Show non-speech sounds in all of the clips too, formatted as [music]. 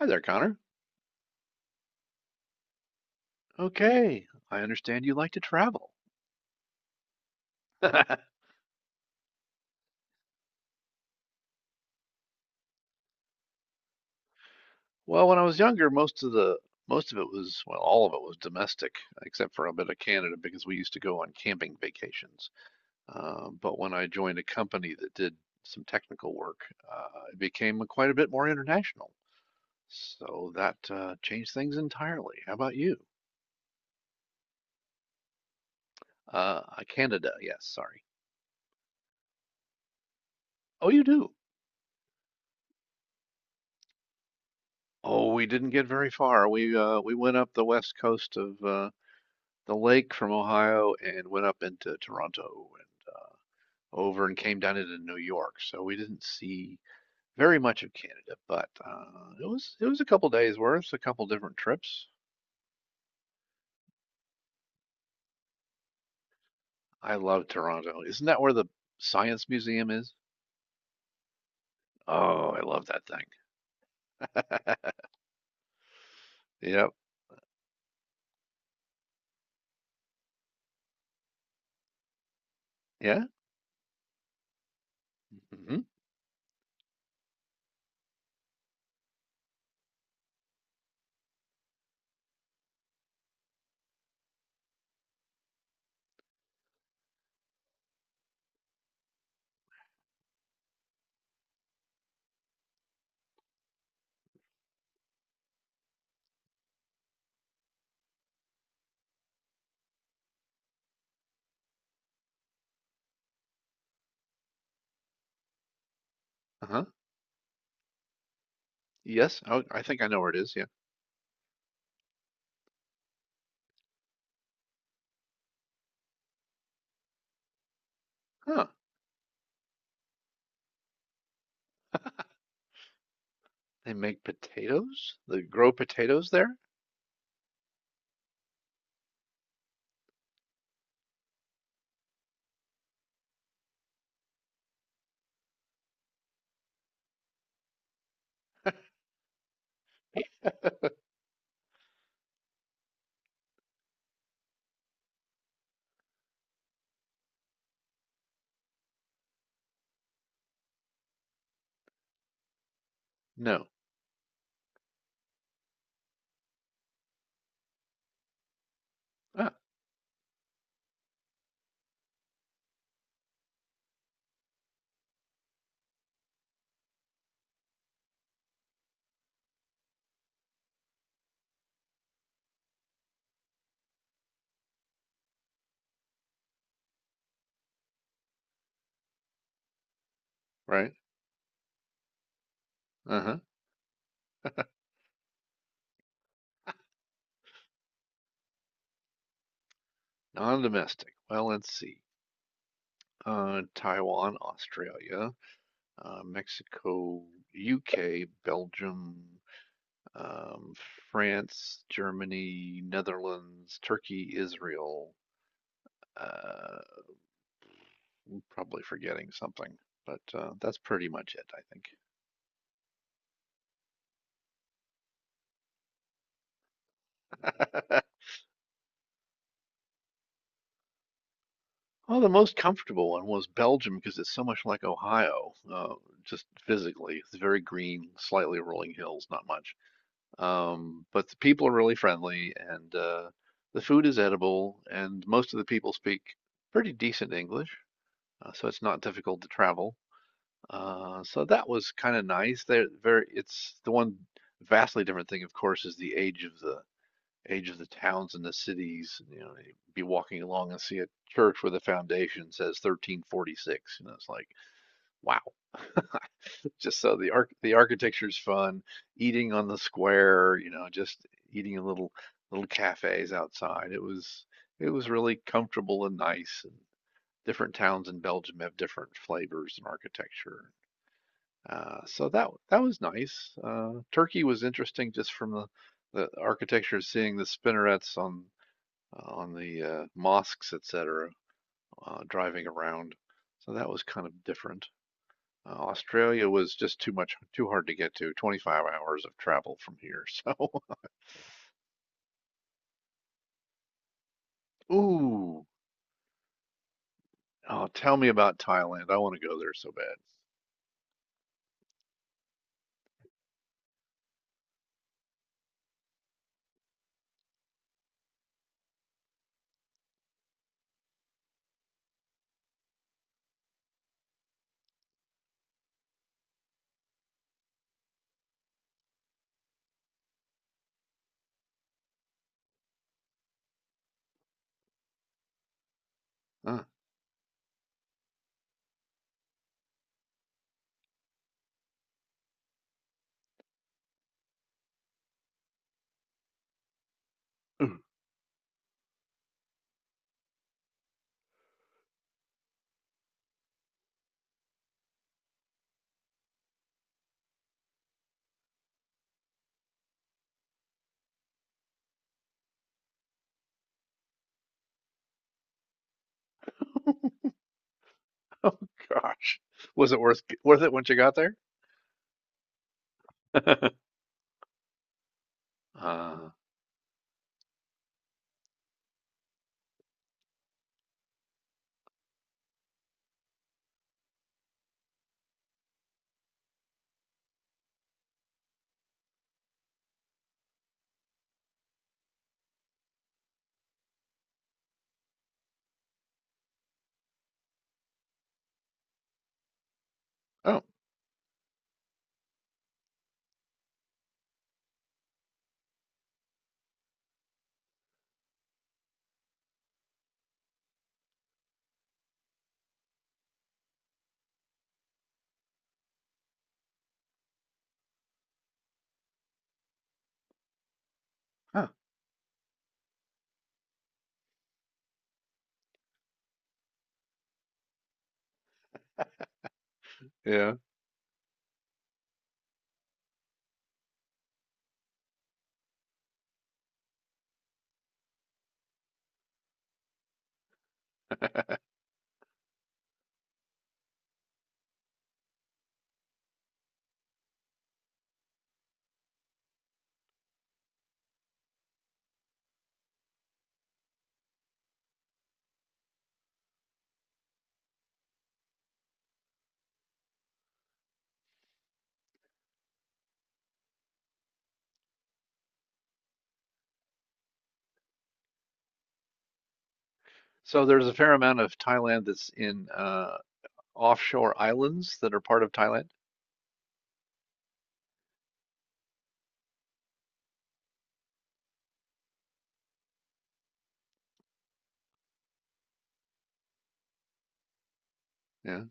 Hi there, Connor. Okay, I understand you like to travel. [laughs] Well, when I was younger, most of it was, well, all of it was domestic, except for a bit of Canada because we used to go on camping vacations. But when I joined a company that did some technical work, it became quite a bit more international. So that changed things entirely. How about you? Uh, Canada, yes, sorry. Oh, you do. Oh, we didn't get very far. We went up the west coast of the lake from Ohio and went up into Toronto and over and came down into New York. So we didn't see very much of Canada, but it was a couple days worth, a couple different trips. I love Toronto. Isn't that where the Science Museum is? Oh, I love that thing. [laughs] Yep. Yeah. hmm Uh-huh. Yes, oh, I think I know where it is. Yeah. Huh. They make potatoes? They grow potatoes there? No. Ah, right. Uh-huh. Non-domestic. Well, let's see. Taiwan, Australia, Mexico, UK, Belgium, um, France, Germany, Netherlands, Turkey, Israel. Uh, I'm probably forgetting something, but that's pretty much it, I think. [laughs] Oh, the most comfortable one was Belgium because it's so much like Ohio, just physically. It's very green, slightly rolling hills, not much. But the people are really friendly, and the food is edible, and most of the people speak pretty decent English, so it's not difficult to travel. So that was kind of nice. They're very, it's the one vastly different thing, of course, is the age of the towns and the cities. You know, you'd be walking along and see a church where the foundation says 1346, and it's like, wow. Just so the arch the architecture's fun, eating on the square, you know, just eating in little cafes outside. It was really comfortable and nice. And different towns in Belgium have different flavors and architecture. So that that was nice. Turkey was interesting just from the architecture, seeing the spinnerets on the mosques, etc., driving around. So that was kind of different. Australia was just too much, too hard to get to. 25 hours of travel from here. So, [laughs] ooh, oh, tell me about Thailand. I want to go there so bad. Huh. [laughs] Oh gosh, was it worth it once you got there? [laughs] Uh, oh, huh, yeah. [laughs] So there's a fair amount of Thailand that's in offshore islands that are part of Thailand. Yeah,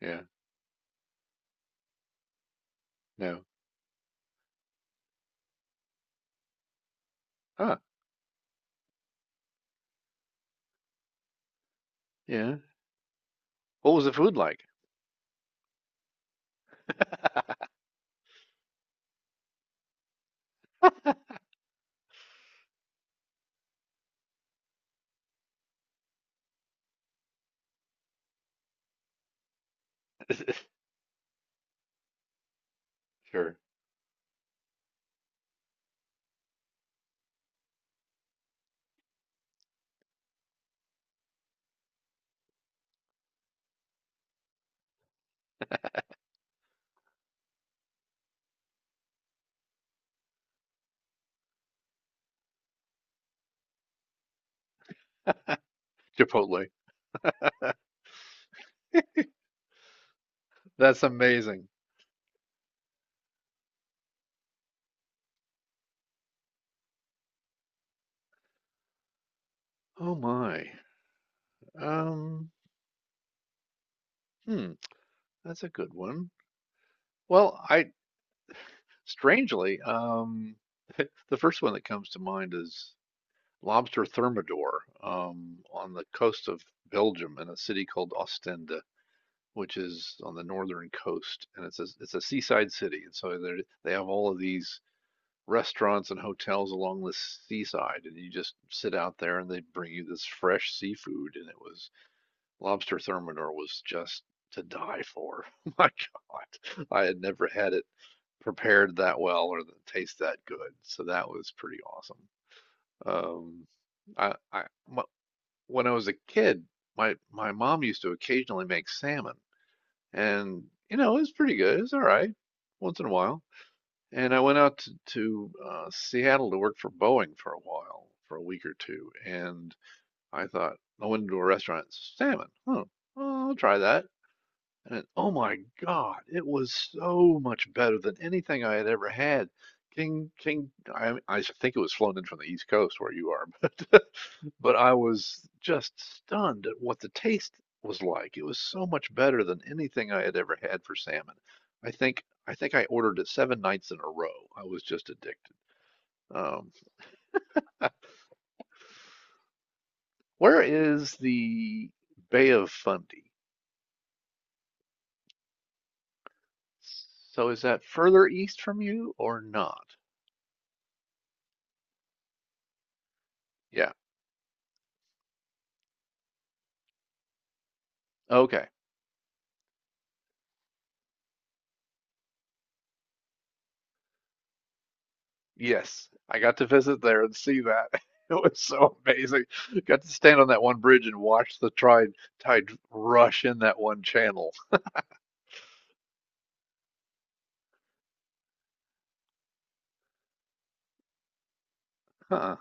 yeah, no, huh, yeah. What was the food like? [laughs] Sure, Chipotle. That's amazing. Oh my. Um, hmm, that's a good one. Well, I strangely, the first one that comes to mind is lobster thermidor on the coast of Belgium in a city called Ostende, which is on the northern coast, and it's a seaside city, and so they have all of these restaurants and hotels along the seaside, and you just sit out there, and they bring you this fresh seafood, and it was lobster thermidor was just to die for. [laughs] My God, I had never had it prepared that well or the taste that good, so that was pretty awesome. Um, I, I my, when I was a kid, my mom used to occasionally make salmon, and you know, it was pretty good. It's all right once in a while. And I went out to, to Seattle to work for Boeing for a while, for a week or two, and I thought I went into a restaurant, salmon. Huh, well, I'll try that. And oh my God, it was so much better than anything I had ever had. King, King, I think it was flown in from the East Coast where you are, [laughs] but but I was just stunned at what the taste was like. It was so much better than anything I had ever had for salmon. I think I ordered it 7 nights in a row. I was just addicted. Um, where is the Bay of Fundy? So is that further east from you or not? Yeah. Okay. Yes. I got to visit there and see that. [laughs] It was so amazing. Got to stand on that one bridge and watch the tide rush in that one channel. Huh.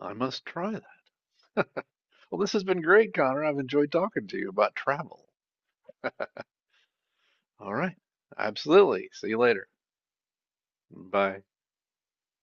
I must try that. Well, this has been great, Connor. I've enjoyed talking to you about travel. All right. Absolutely. See you later. Bye.